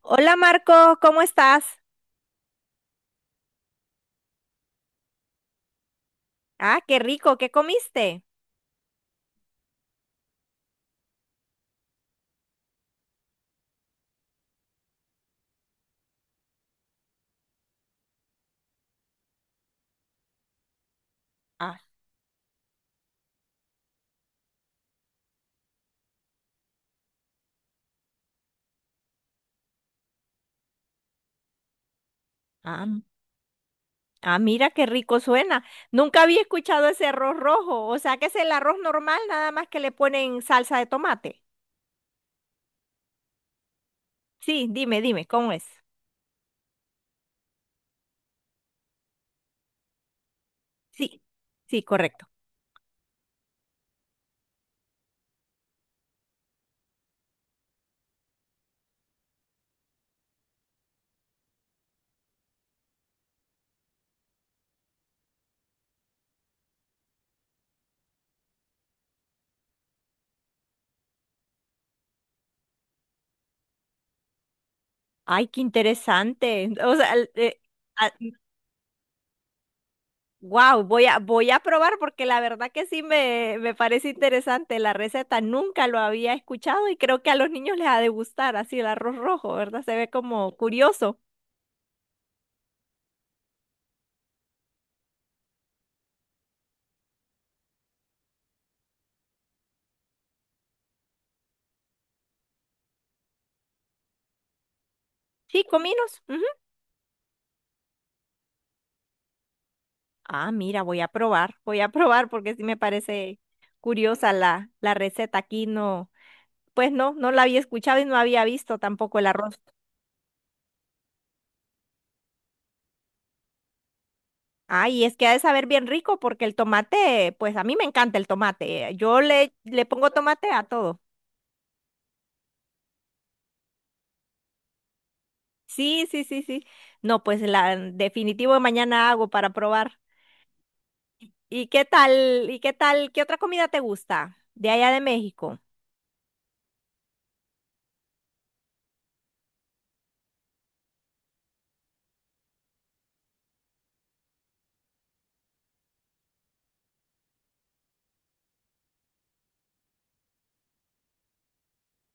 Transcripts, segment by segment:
Hola Marco, ¿cómo estás? Ah, qué rico, ¿qué comiste? Ah, ah, mira qué rico suena. Nunca había escuchado ese arroz rojo, o sea que es el arroz normal, nada más que le ponen salsa de tomate. Sí, dime, dime, ¿cómo es? Sí, sí, correcto. Ay, qué interesante. O sea, wow, voy a probar porque la verdad que sí me parece interesante la receta. Nunca lo había escuchado y creo que a los niños les ha de gustar así el arroz rojo, ¿verdad? Se ve como curioso. Sí, cominos. Ujú. Ah, mira, voy a probar porque sí me parece curiosa la receta. Aquí no, pues no, no la había escuchado y no había visto tampoco el arroz. Ah, y es que ha de saber bien rico porque el tomate, pues a mí me encanta el tomate. Eh, yo le pongo tomate a todo. Sí, sí, sí, sí. No, pues la definitivo mañana hago para probar. ¿Y qué tal? ¿Y qué tal? ¿Qué otra comida te gusta de allá de México?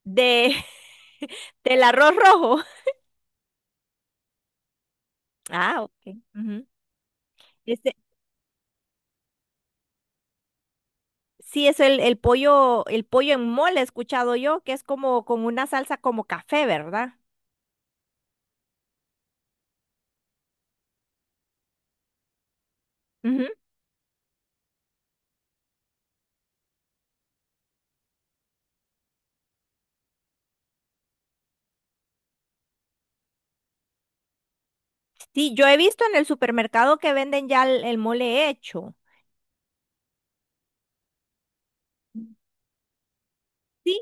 De del arroz rojo. Ah, ok. Ujú. Este, sí, es el pollo en mole, he escuchado yo, que es como con una salsa como café, ¿verdad? Ujú. Sí, yo he visto en el supermercado que venden ya el mole hecho. Sí,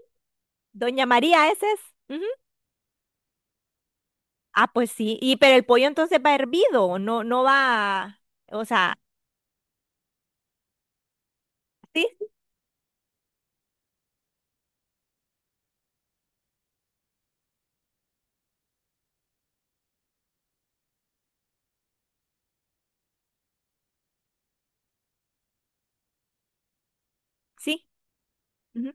Doña María, ese es. Ujú. Ah, pues sí. Y pero el pollo entonces va hervido, no, no va, o sea, sí, sí. Ujú.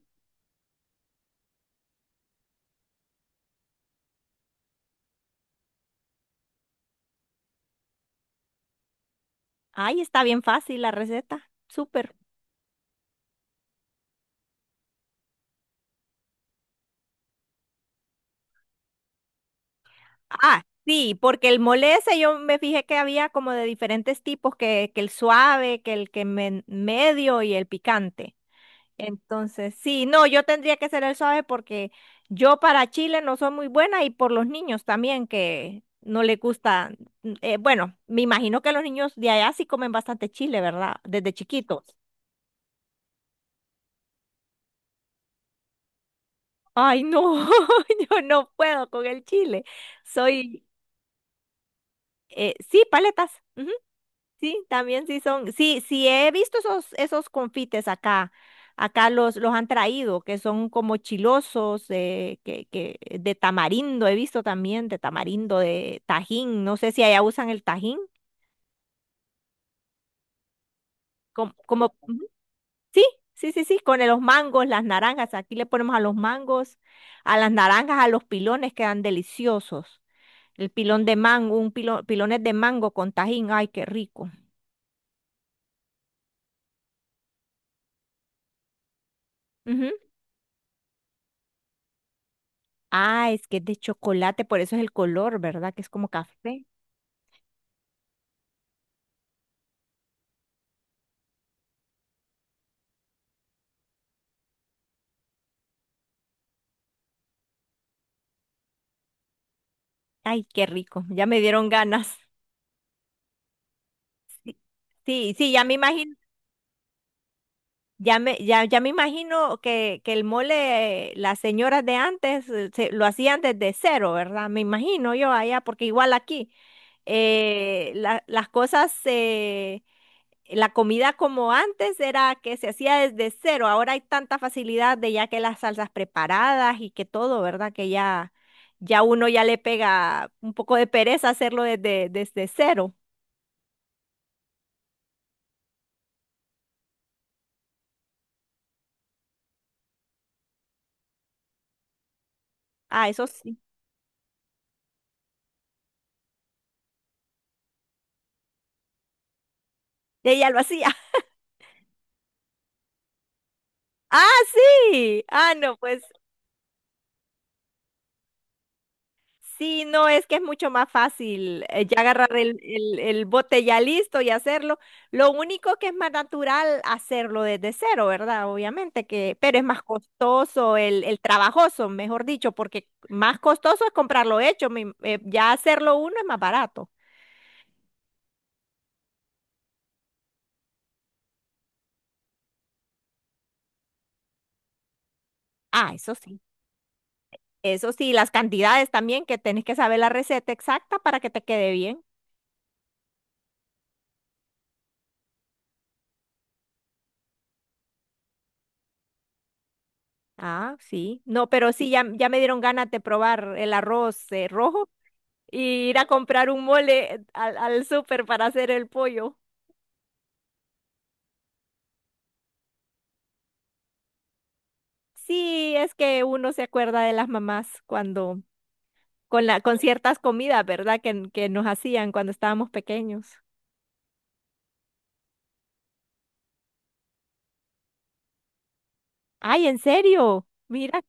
Ay, está bien fácil la receta. Súper. Ah, sí, porque el mole ese yo me fijé que había como de diferentes tipos, que el suave, que el medio y el picante. Entonces, sí, no, yo tendría que ser el suave porque yo para Chile no soy muy buena y por los niños también que no les gusta. Bueno, me imagino que los niños de allá sí comen bastante chile, ¿verdad? Desde chiquitos. Ay, no, yo no puedo con el chile. Soy, sí, paletas. Sí, también sí son, sí, sí he visto esos, esos confites acá, acá los han traído, que son como chilosos, que de tamarindo, he visto también de tamarindo, de tajín, no sé si allá usan el tajín, ujú, sí, sí, sí, con los mangos, las naranjas, aquí le ponemos a los mangos, a las naranjas, a los pilones quedan deliciosos, el pilón de mango, un pilón, pilones de mango con tajín, ay, qué rico. Ah, es que es de chocolate, por eso es el color, ¿verdad? Que es como café. Ay, qué rico. Ya me dieron ganas. Sí, sí, ya me imagino, ya me imagino que el mole, las señoras de antes lo hacían desde cero, ¿verdad? Me imagino yo allá, porque igual aquí las cosas. La comida como antes era que se hacía desde cero, ahora hay tanta facilidad de ya que las salsas preparadas y que todo, ¿verdad? Que ya, ya uno ya le pega un poco de pereza hacerlo desde cero. Ah, eso sí. Ella lo hacía. Ah, sí. Ah, no, pues sí, no, es que es mucho más fácil ya agarrar el bote ya listo y hacerlo. Lo único que es más natural hacerlo desde cero, ¿verdad? Obviamente que, pero es más costoso, el trabajoso, mejor dicho, porque más costoso es comprarlo hecho, ya hacerlo uno es más barato. Ah, eso sí, las cantidades también, que tenés que saber la receta exacta para que te quede bien. Ah, sí, no, pero sí, ya, ya me dieron ganas de probar el arroz rojo. Y ir a comprar un mole al súper para hacer el pollo. Sí, es que uno se acuerda de las mamás cuando, con con ciertas comidas, ¿verdad? Que nos hacían cuando estábamos pequeños. Ay, ¿en serio? Mira,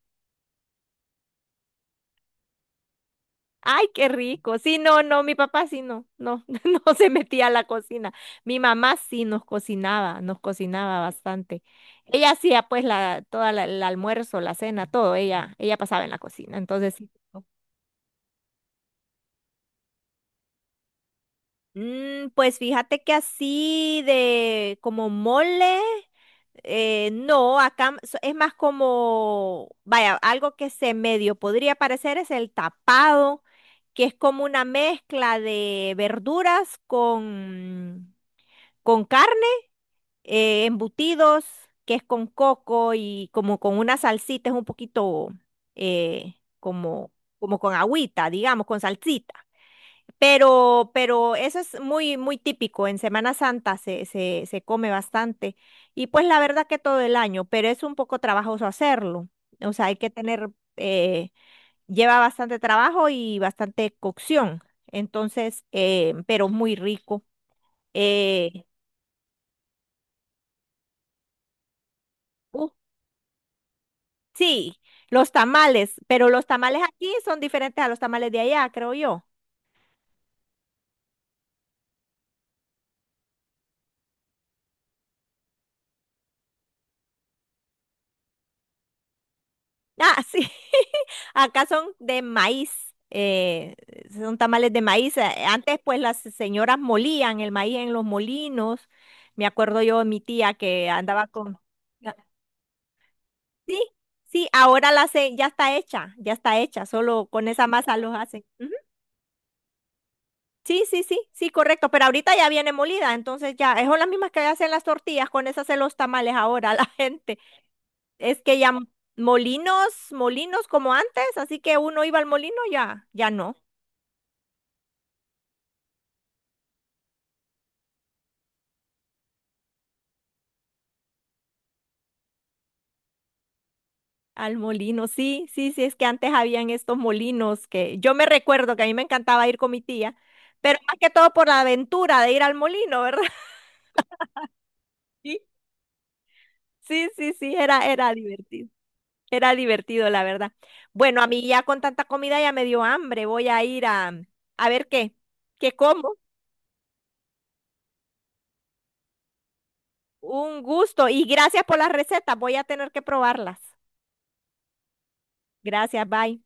ay, qué rico. Sí, no, no, mi papá sí no, no, no se metía a la cocina. Mi mamá sí nos cocinaba bastante. Ella hacía pues la, el almuerzo, la cena, todo, ella pasaba en la cocina, entonces sí. Mm, pues fíjate que así de como mole, no, acá es más como, vaya, algo que se medio podría parecer es el tapado, que es como una mezcla de verduras con carne, embutidos, que es con coco y como con una salsita, es un poquito eh, como, como con agüita, digamos, con salsita. Pero eso es muy, muy típico. En Semana Santa se come bastante. Y pues la verdad que todo el año, pero es un poco trabajoso hacerlo. O sea, hay que tener, eh, lleva bastante trabajo y bastante cocción. Entonces, pero muy rico. Eh, uh, sí, los tamales, pero los tamales aquí son diferentes a los tamales de allá, creo yo. Ah, sí. Acá son de maíz. Son tamales de maíz. Antes, pues, las señoras molían el maíz en los molinos. Me acuerdo yo de mi tía que andaba con... Ah, sí, sí, ahora la se... ya está hecha, ya está hecha. Solo con esa masa los hacen. Ujú. Sí, sí, sí, sí, correcto. Pero ahorita ya viene molida, entonces ya, es son las mismas que hacen las tortillas, con esas hacen los tamales ahora la gente. Es que ya m- molinos, molinos como antes, así que uno iba al molino, ya, ya no. Al molino, sí, sí, sí, es que antes habían estos molinos que yo me recuerdo que a mí me encantaba ir con mi tía, pero más que todo por la aventura de ir al molino, ¿verdad? Sí, sí, sí, sí, era divertido, la verdad. Bueno, a mí ya con tanta comida ya me dio hambre, voy a ir a ver qué, qué como. Un gusto y gracias por las recetas, voy a tener que probarlas. Gracias, bye.